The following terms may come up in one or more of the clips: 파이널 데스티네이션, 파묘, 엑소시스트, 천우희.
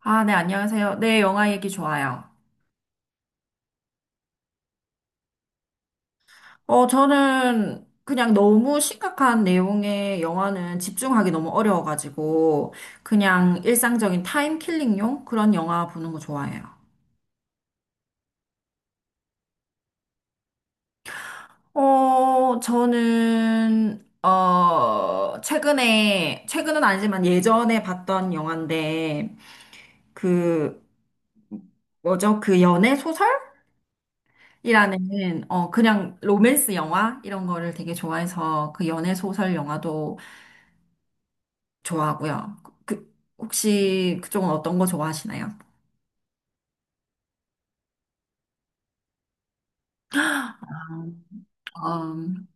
아, 네, 안녕하세요. 네, 영화 얘기 좋아요. 저는 그냥 너무 심각한 내용의 영화는 집중하기 너무 어려워가지고, 그냥 일상적인 타임킬링용 그런 영화 보는 거 좋아해요. 최근에, 최근은 아니지만 예전에 봤던 영화인데, 그, 뭐죠? 그 연애 소설이라는, 그냥 로맨스 영화? 이런 거를 되게 좋아해서 그 연애 소설 영화도 좋아하고요. 그, 혹시 그쪽은 어떤 거 좋아하시나요? 음,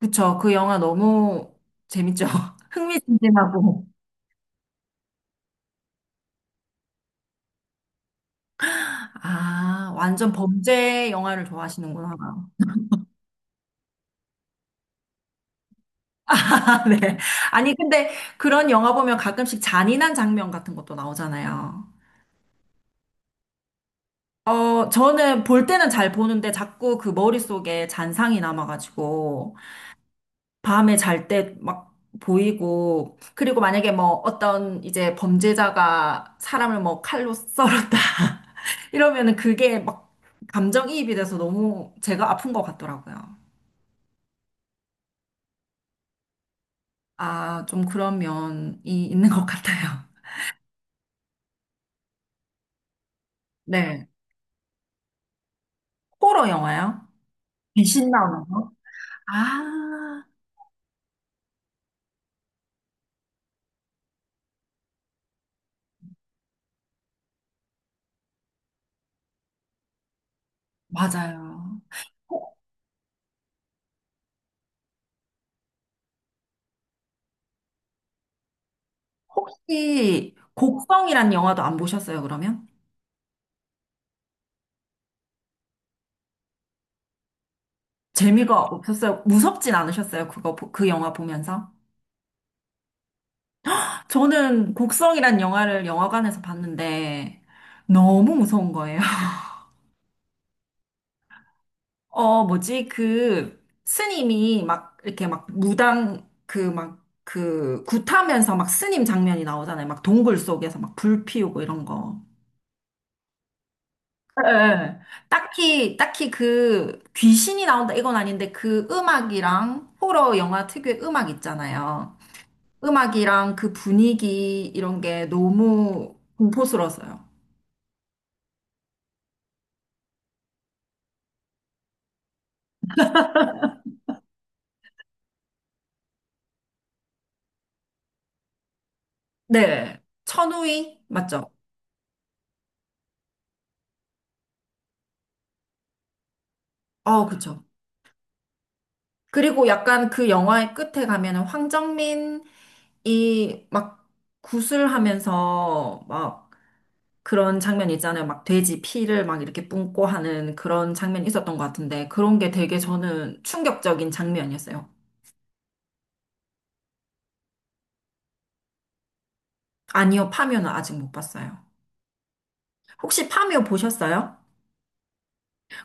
그쵸. 그 영화 너무 재밌죠. 흥미진진하고. 아, 완전 범죄 영화를 좋아하시는구나. 아, 네. 아니, 근데 그런 영화 보면 가끔씩 잔인한 장면 같은 것도 나오잖아요. 저는 볼 때는 잘 보는데 자꾸 그 머릿속에 잔상이 남아가지고 밤에 잘 때 막 보이고, 그리고 만약에 뭐 어떤 이제 범죄자가 사람을 뭐 칼로 썰었다. 이러면은 그게 막 감정이입이 돼서 너무 제가 아픈 것 같더라고요. 아, 좀 그런 면이 있는 것 같아요. 네. 호러 영화요? 귀신 나오는 거? 아, 맞아요. 혹- 혹시 곡성이란 영화도 안 보셨어요, 그러면? 재미가 없었어요? 무섭진 않으셨어요? 그 영화 보면서? 저는 곡성이란 영화를 영화관에서 봤는데 너무 무서운 거예요. 뭐지? 그 스님이 막 이렇게 막 무당 그 막 그 굿하면서 막 스님 장면이 나오잖아요. 막 동굴 속에서 막 불 피우고 이런 거. 예. 예. 딱히 그 귀신이 나온다 이건 아닌데 그 음악이랑 호러 영화 특유의 음악 있잖아요. 음악이랑 그 분위기 이런 게 너무 공포스러웠어요. 네. 천우희? 맞죠? 그쵸. 그리고 약간 그 영화의 끝에 가면은 황정민이 막 구슬하면서 막 그런 장면 있잖아요. 막 돼지 피를 막 이렇게 뿜고 하는 그런 장면이 있었던 것 같은데 그런 게 되게 저는 충격적인 장면이었어요. 아니요, 파묘는 아직 못 봤어요. 혹시 파묘 보셨어요?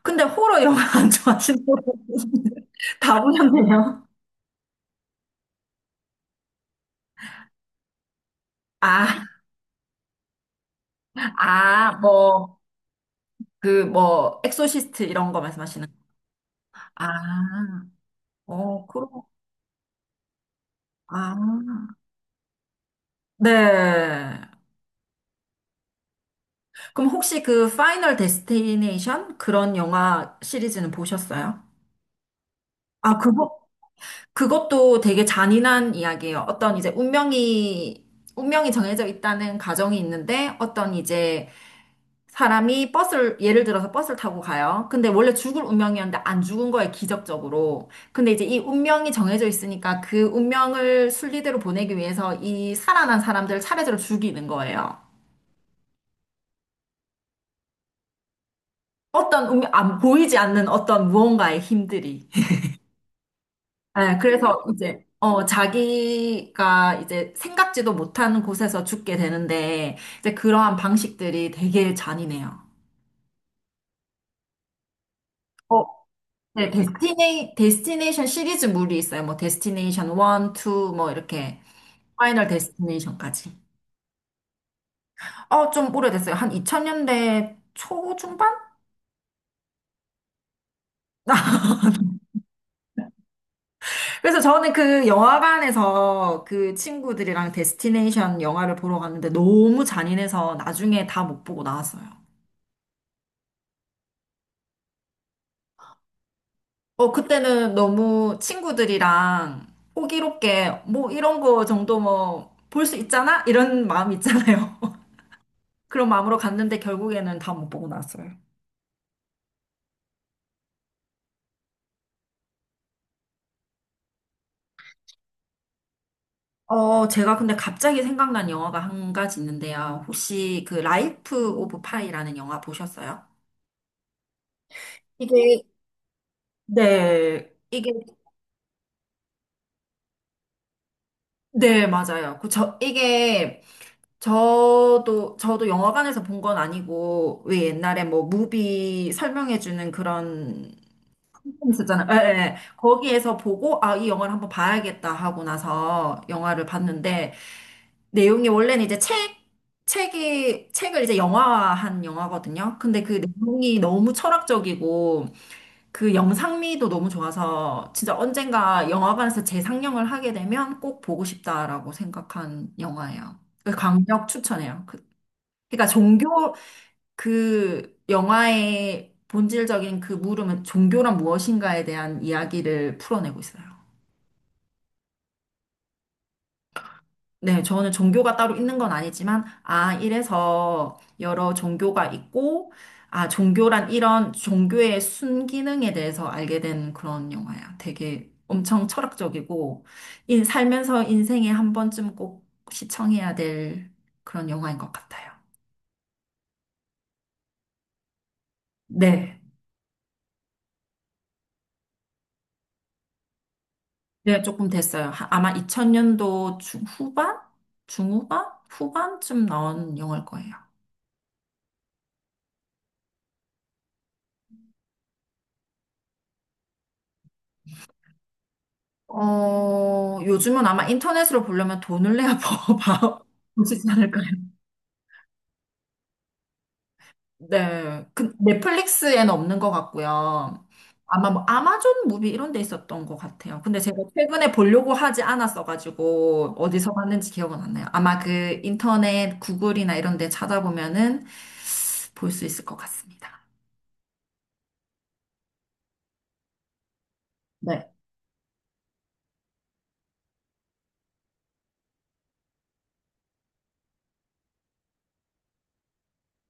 근데 호러 영화 안 좋아하시는 분다 보셨네요. 아, 아, 뭐. 그 뭐 엑소시스트 이런 거 말씀하시는 거. 아, 그럼 아, 네. 그럼 혹시 그 파이널 데스티네이션 그런 영화 시리즈는 보셨어요? 아, 그거 그것도 되게 잔인한 이야기예요. 어떤 이제 운명이 정해져 있다는 가정이 있는데 어떤 이제 사람이 버스를, 예를 들어서 버스를 타고 가요. 근데 원래 죽을 운명이었는데 안 죽은 거예요, 기적적으로. 근데 이제 이 운명이 정해져 있으니까 그 운명을 순리대로 보내기 위해서 이 살아난 사람들을 차례대로 죽이는 거예요. 어떤 운명, 안, 보이지 않는 어떤 무언가의 힘들이. 네, 그래서 이제, 자기가 이제 생각지도 못하는 곳에서 죽게 되는데, 이제 그러한 방식들이 되게 잔인해요. 어, 네, 데스티네이션 시리즈물이 있어요. 뭐, 데스티네이션 1, 2, 뭐, 이렇게, 파이널 데스티네이션까지. 좀 오래됐어요. 한 2000년대 초중반? 그래서 저는 그 영화관에서 그 친구들이랑 데스티네이션 영화를 보러 갔는데 너무 잔인해서 나중에 다 못 보고 나왔어요. 그때는 너무 친구들이랑 호기롭게 뭐 이런 거 정도 뭐 볼 수 있잖아? 이런 마음 있잖아요. 그런 마음으로 갔는데 결국에는 다 못 보고 나왔어요. 제가 근데 갑자기 생각난 영화가 한 가지 있는데요. 혹시 그 라이프 오브 파이라는 영화 보셨어요? 이게 네, 이게, 네, 맞아요. 저도 영화관에서 본 건 아니고, 왜 옛날에 뭐, 무비 설명해주는 그런 있었잖아요. 예, 예. 거기에서 보고, 아, 이 영화를 한번 봐야겠다 하고 나서 영화를 봤는데, 내용이 원래는 이제 책을 이제 영화화한 영화거든요. 근데 그 내용이 너무 철학적이고, 그 영상미도 너무 좋아서, 진짜 언젠가 영화관에서 재상영을 하게 되면 꼭 보고 싶다라고 생각한 영화예요. 강력 추천해요. 그러니까 종교, 그 영화의 본질적인 그 물음은 종교란 무엇인가에 대한 이야기를 풀어내고 있어요. 네, 저는 종교가 따로 있는 건 아니지만, 아, 이래서 여러 종교가 있고, 아, 종교란 이런 종교의 순기능에 대해서 알게 된 그런 영화야. 되게 엄청 철학적이고, 살면서 인생에 한 번쯤 꼭 시청해야 될 그런 영화인 것 같아요. 네. 네, 조금 됐어요. 아마 2000년도 중후반? 후반쯤 나온 영화일 거예요. 요즘은 아마 인터넷으로 보려면 돈을 내야 봐, 봐- 보시지 않을까요? 네. 그 넷플릭스에는 없는 것 같고요. 아마 뭐 아마존 무비 이런 데 있었던 것 같아요. 근데 제가 최근에 보려고 하지 않았어가지고 어디서 봤는지 기억은 안 나요. 아마 그 인터넷 구글이나 이런 데 찾아보면은 볼 수 있을 것 같습니다. 네.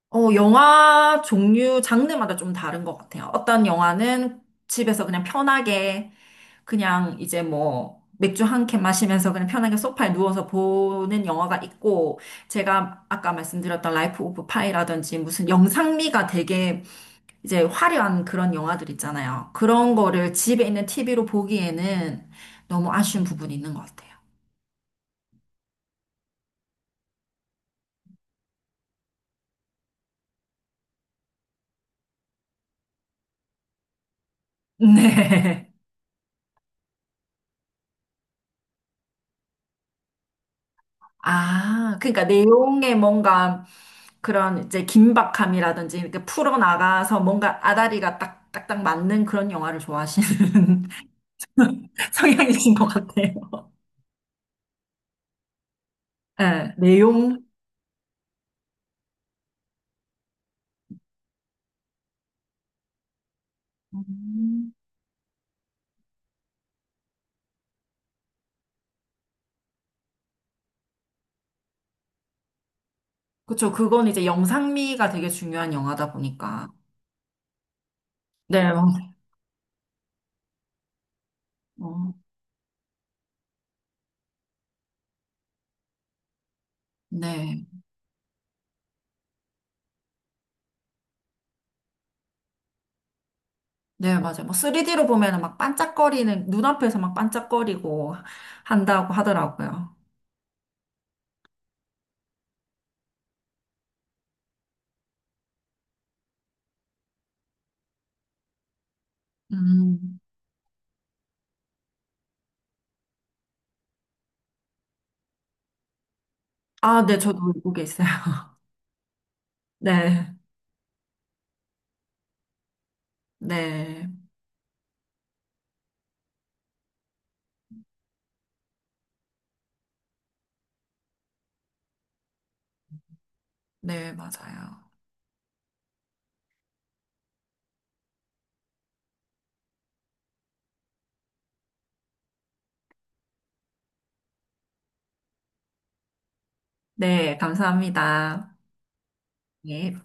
영화 종류, 장르마다 좀 다른 것 같아요. 어떤 영화는 집에서 그냥 편하게, 그냥 이제 뭐, 맥주 한 캔 마시면서 그냥 편하게 소파에 누워서 보는 영화가 있고, 제가 아까 말씀드렸던 라이프 오브 파이라든지 무슨 영상미가 되게 이제 화려한 그런 영화들 있잖아요. 그런 거를 집에 있는 TV로 보기에는 너무 아쉬운 부분이 있는 것 같아요. 네. 아, 그러니까 내용에 뭔가 그런 이제 긴박함이라든지 이렇게 풀어나가서 뭔가 아다리가 딱딱 맞는 그런 영화를 좋아하시는 성향이신 것 같아요. 네, 내용. 음. 그쵸. 그건 이제 영상미가 되게 중요한 영화다 보니까. 네, 어, 네. 네, 맞아요. 뭐 3D로 보면은 막 반짝거리는, 눈앞에서 막 반짝거리고 한다고 하더라고요. 음. 아, 네, 저도 외국에 있어요. 네. 네, 네, 맞아요. 네, 감사합니다. 네.